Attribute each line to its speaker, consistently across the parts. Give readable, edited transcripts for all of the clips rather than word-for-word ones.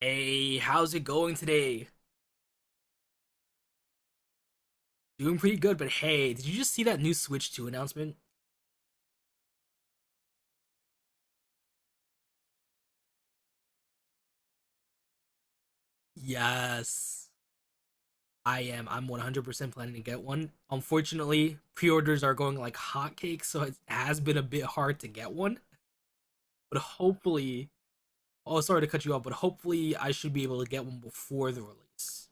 Speaker 1: Hey, how's it going today? Doing pretty good, but hey, did you just see that new Switch 2 announcement? Yes, I am. I'm 100% planning to get one. Unfortunately, pre orders are going like hotcakes, so it has been a bit hard to get one. But hopefully, oh, sorry to cut you off, but hopefully, I should be able to get one before the release.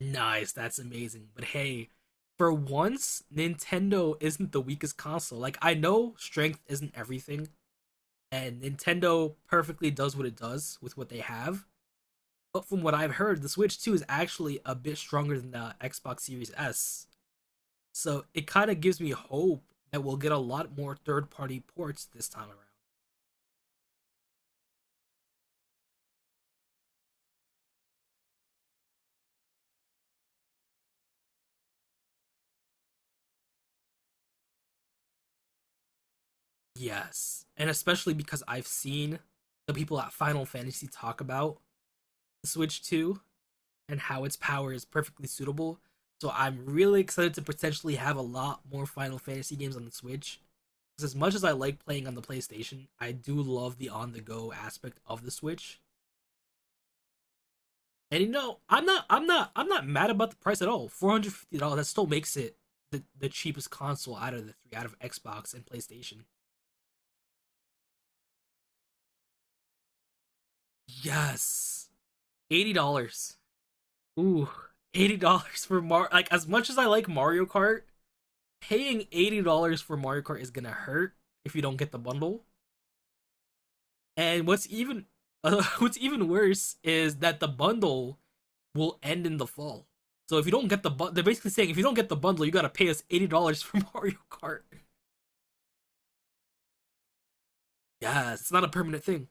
Speaker 1: Nice, that's amazing. But hey, for once, Nintendo isn't the weakest console. Like, I know strength isn't everything, and Nintendo perfectly does what it does with what they have. But from what I've heard, the Switch 2 is actually a bit stronger than the Xbox Series S. So it kind of gives me hope that we'll get a lot more third party ports this time around. Yes. And especially because I've seen the people at Final Fantasy talk about the Switch 2 and how its power is perfectly suitable. So I'm really excited to potentially have a lot more Final Fantasy games on the Switch because as much as I like playing on the PlayStation, I do love the on-the-go aspect of the Switch. And I'm not mad about the price at all. $450 that still makes it the cheapest console out of the three, out of Xbox and PlayStation. Yes, $80. Ooh, $80 for Mar. Like as much as I like Mario Kart, paying $80 for Mario Kart is gonna hurt if you don't get the bundle. And what's even, what's even worse is that the bundle will end in the fall. So if you don't get the bu- they're basically saying if you don't get the bundle, you gotta pay us $80 for Mario Kart. Yes, it's not a permanent thing.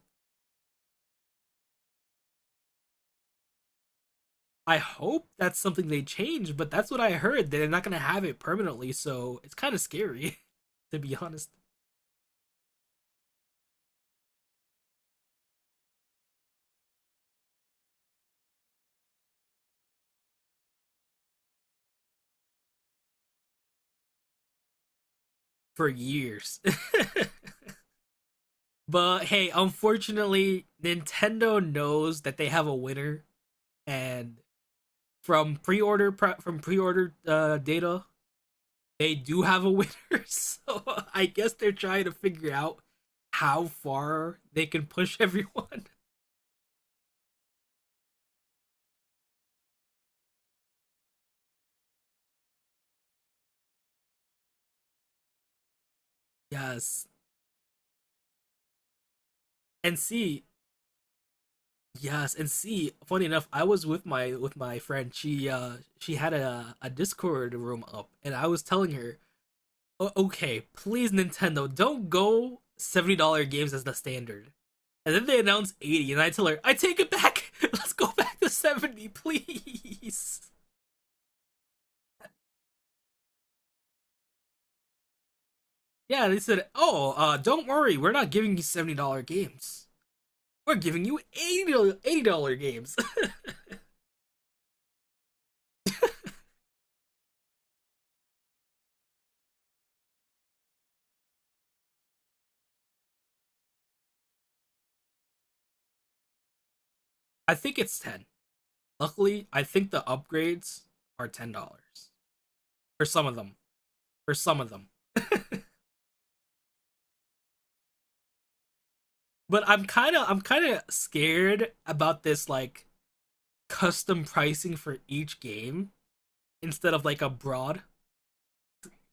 Speaker 1: I hope that's something they change, but that's what I heard. They're not gonna have it permanently, so it's kind of scary, to be honest. For years. But hey, unfortunately, Nintendo knows that they have a winner, and from pre-order data they do have a winner, so I guess they're trying to figure out how far they can push everyone. Yes, and see, yes, and see. Funny enough, I was with my friend. She had a Discord room up, and I was telling her, "Oh, okay, please Nintendo, don't go $70 games as the standard. And then they announced 80, and I tell her, I take it back. Let's go back to 70, please. Yeah, they said, "Oh, don't worry, we're not giving you $70 games. We're giving you $80 games." I think it's ten. Luckily, I think the upgrades are $10 for some of them. For some of them, but I'm kind of scared about this like custom pricing for each game instead of like a broad.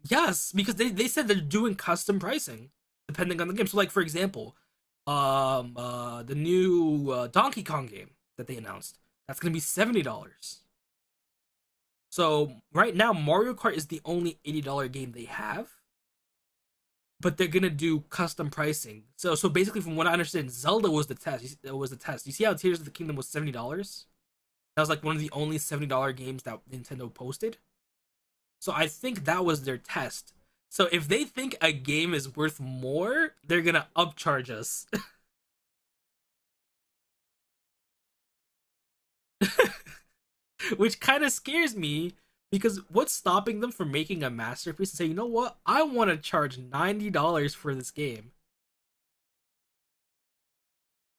Speaker 1: Yes, because they said they're doing custom pricing depending on the game. So like for example, the new Donkey Kong game that they announced, that's going to be $70. So right now Mario Kart is the only $80 game they have, but they're going to do custom pricing. So basically from what I understand, Zelda was the test. It was the test. You see how Tears of the Kingdom was $70? That was like one of the only $70 games that Nintendo posted. So I think that was their test. So if they think a game is worth more, they're gonna upcharge us, which kind of scares me because what's stopping them from making a masterpiece and say, you know what, I want to charge $90 for this game?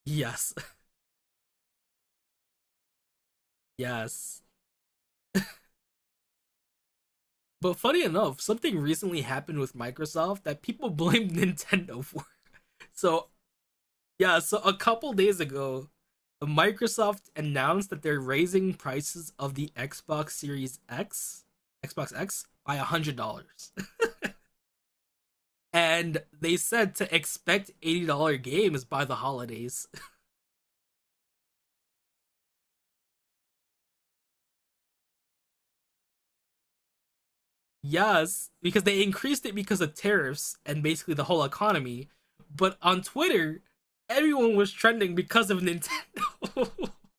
Speaker 1: Yes, yes. But funny enough, something recently happened with Microsoft that people blamed Nintendo for. So Yeah, so a couple days ago, Microsoft announced that they're raising prices of the Xbox Series X, Xbox X, by $100. And they said to expect $80 games by the holidays. Yes, because they increased it because of tariffs and basically the whole economy. But on Twitter, everyone was trending because of Nintendo.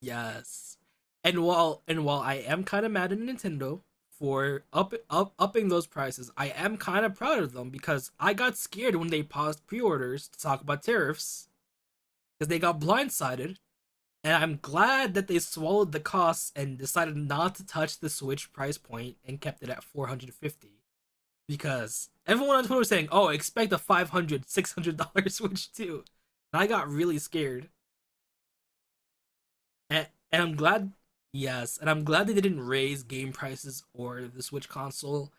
Speaker 1: Yes. And while I am kind of mad at Nintendo for up, up upping those prices, I am kind of proud of them because I got scared when they paused pre-orders to talk about tariffs because they got blindsided, and I'm glad that they swallowed the costs and decided not to touch the Switch price point and kept it at 450 because everyone on Twitter was saying, "Oh, expect a 500 $600 Switch too," and I got really scared. and, and I'm glad. Yes, and I'm glad they didn't raise game prices or the Switch console.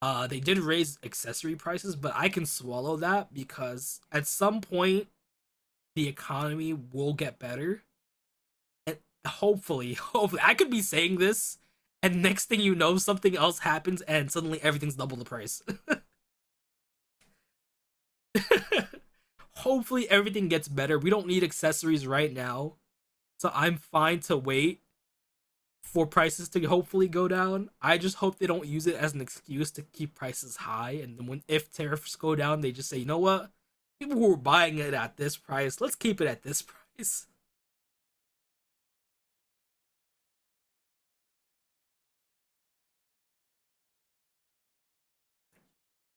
Speaker 1: They did raise accessory prices, but I can swallow that because at some point the economy will get better, and hopefully, I could be saying this, and next thing you know, something else happens, and suddenly everything's double the price. Hopefully, everything gets better. We don't need accessories right now, so I'm fine to wait for prices to hopefully go down. I just hope they don't use it as an excuse to keep prices high. And then when if tariffs go down, they just say, you know what, people who were buying it at this price, let's keep it at this price.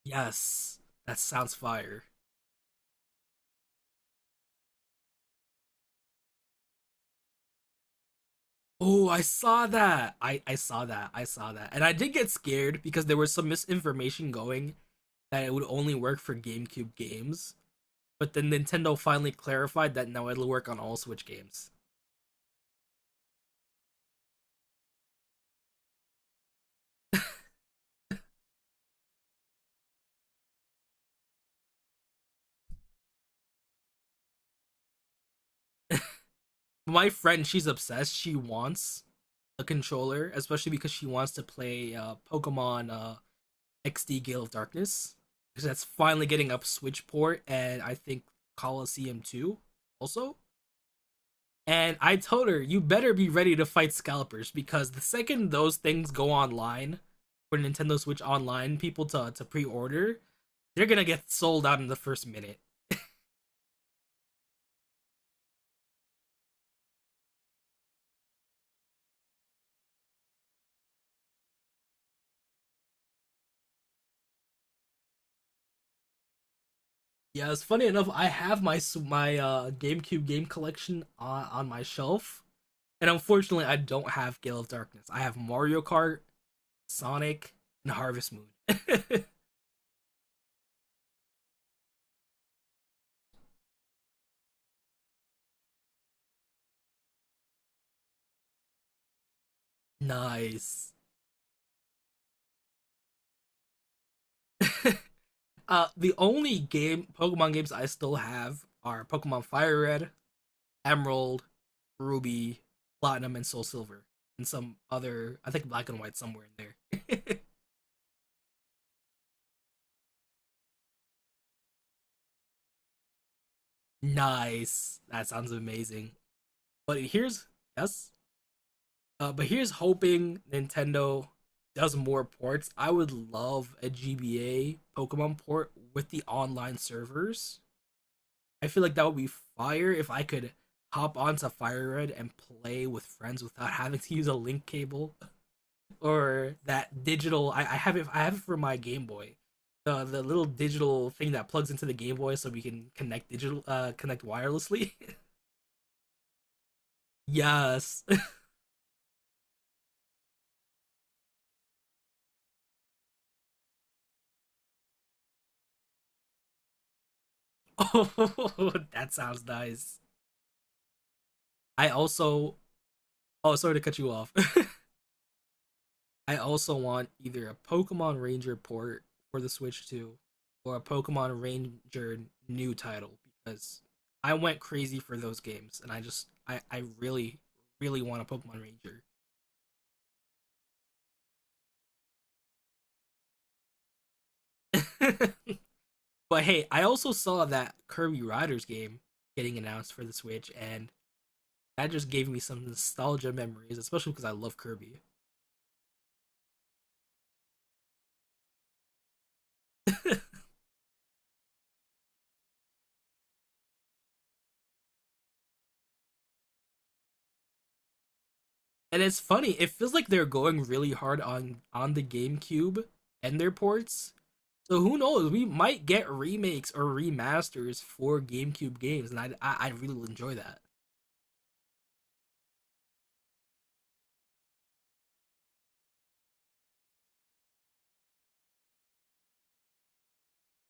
Speaker 1: Yes, that sounds fire. Oh, I saw that. I saw that. I saw that, and I did get scared because there was some misinformation going that it would only work for GameCube games. But then Nintendo finally clarified that now it'll work on all Switch games. My friend, she's obsessed. She wants a controller, especially because she wants to play Pokemon XD Gale of Darkness. Because that's finally getting up Switch port, and I think Coliseum 2 also. And I told her, you better be ready to fight scalpers because the second those things go online for Nintendo Switch Online, people to pre order, they're gonna get sold out in the first minute. Yeah, it's funny enough, I have my GameCube game collection on my shelf. And unfortunately, I don't have Gale of Darkness. I have Mario Kart, Sonic, and Harvest Moon. Nice. The only game Pokemon games I still have are Pokemon Fire Red, Emerald, Ruby, Platinum, and Soul Silver, and some other. I think Black and White somewhere in there. Nice. That sounds amazing. But here's Yes, but here's hoping Nintendo does more ports. I would love a GBA Pokemon port with the online servers. I feel like that would be fire if I could hop onto Fire Red and play with friends without having to use a link cable or that digital. I have it. I have it for my Game Boy. The little digital thing that plugs into the Game Boy so we can connect wirelessly. Yes. Oh, that sounds nice. I also Oh, sorry to cut you off. I also want either a Pokemon Ranger port for the Switch 2 or a Pokemon Ranger new title because I went crazy for those games and I really really want a Pokemon Ranger. But hey, I also saw that Kirby Riders game getting announced for the Switch and that just gave me some nostalgia memories, especially because I love Kirby. And it's funny, it feels like they're going really hard on the GameCube and their ports. So who knows? We might get remakes or remasters for GameCube games, and I really will enjoy that.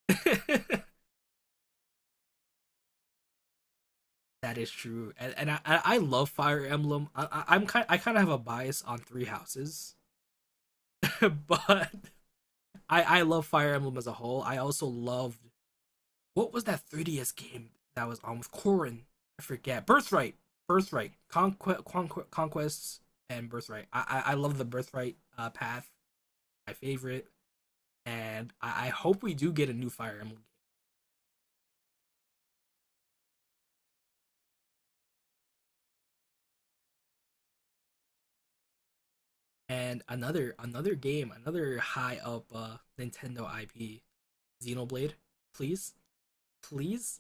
Speaker 1: That is true, and I love Fire Emblem. I kind of have a bias on Three Houses, but I love Fire Emblem as a whole. I also loved what was that 3DS game that was on with Corrin? I forget. Birthright, Birthright, Conquest, Conquest, Conquests, and Birthright. I love the Birthright path. My favorite. And I hope we do get a new Fire Emblem game. And another game, another high up Nintendo IP, Xenoblade. Please, please,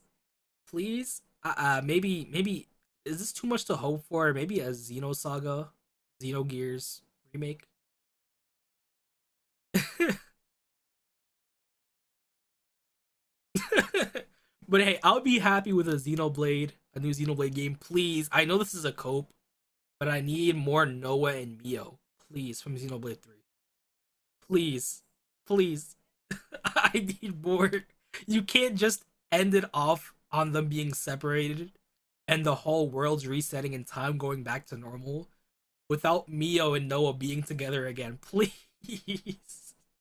Speaker 1: please. Maybe is this too much to hope for? Maybe a Xenosaga, Xenogears remake. But hey, I'll be happy with a new Xenoblade game, please. I know this is a cope, but I need more Noah and Mio, please, from Xenoblade Three. Please, please, I need more. You can't just end it off on them being separated and the whole world's resetting and time going back to normal without Mio and Noah being together again. Please.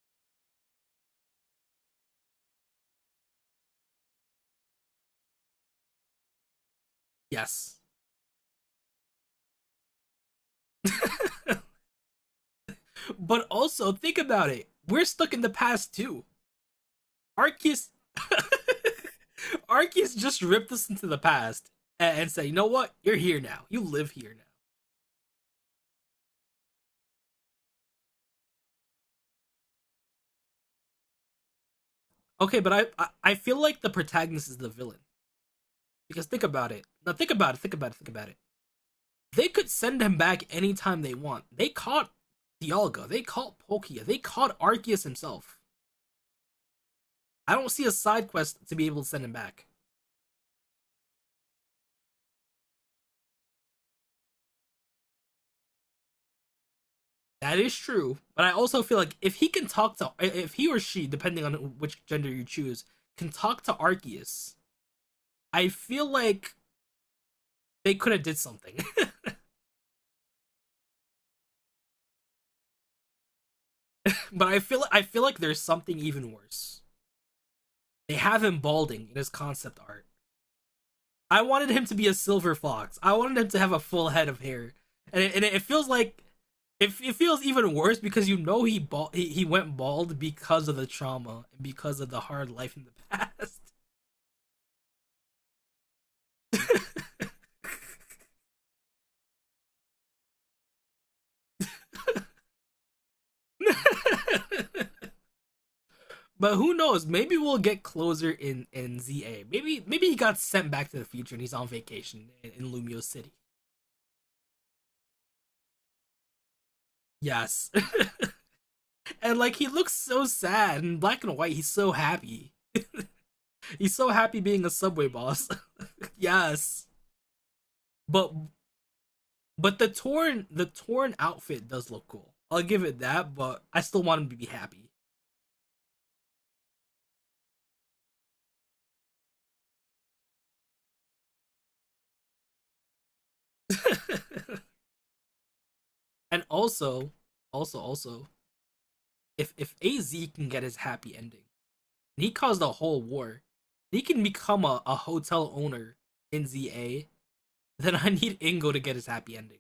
Speaker 1: Yes. But also, think about it. We're stuck in the past too. Arceus. Arceus just ripped us into the past and said, you know what? You're here now. You live here now. Okay, but I feel like the protagonist is the villain. Because think about it. Now think about it. Think about it. Think about it. They could send him back anytime they want. They caught Dialga. They caught Palkia. They caught Arceus himself. I don't see a side quest to be able to send him back. That is true, but I also feel like if he can talk to, if he or she, depending on which gender you choose, can talk to Arceus, I feel like they could have did something. But I feel like there's something even worse. They have him balding in his concept art. I wanted him to be a silver fox. I wanted him to have a full head of hair, and it feels like it feels even worse because he went bald because of the trauma and because of the hard life in the past. But who knows? Maybe we'll get closer in ZA. Maybe he got sent back to the future and he's on vacation in Lumio City. Yes, and like he looks so sad in black and white. He's so happy. He's so happy being a subway boss. Yes, but But the torn outfit does look cool. I'll give it that, but I still want him to be happy. And also, also, also, if AZ can get his happy ending, and he caused a whole war, he can become a hotel owner in ZA, then I need Ingo to get his happy ending.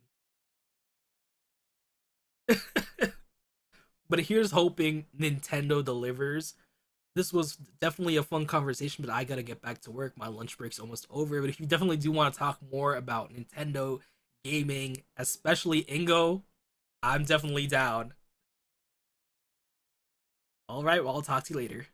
Speaker 1: But here's hoping Nintendo delivers. This was definitely a fun conversation, but I gotta get back to work. My lunch break's almost over. But if you definitely do want to talk more about Nintendo gaming, especially Ingo, I'm definitely down. All right, well, I'll talk to you later.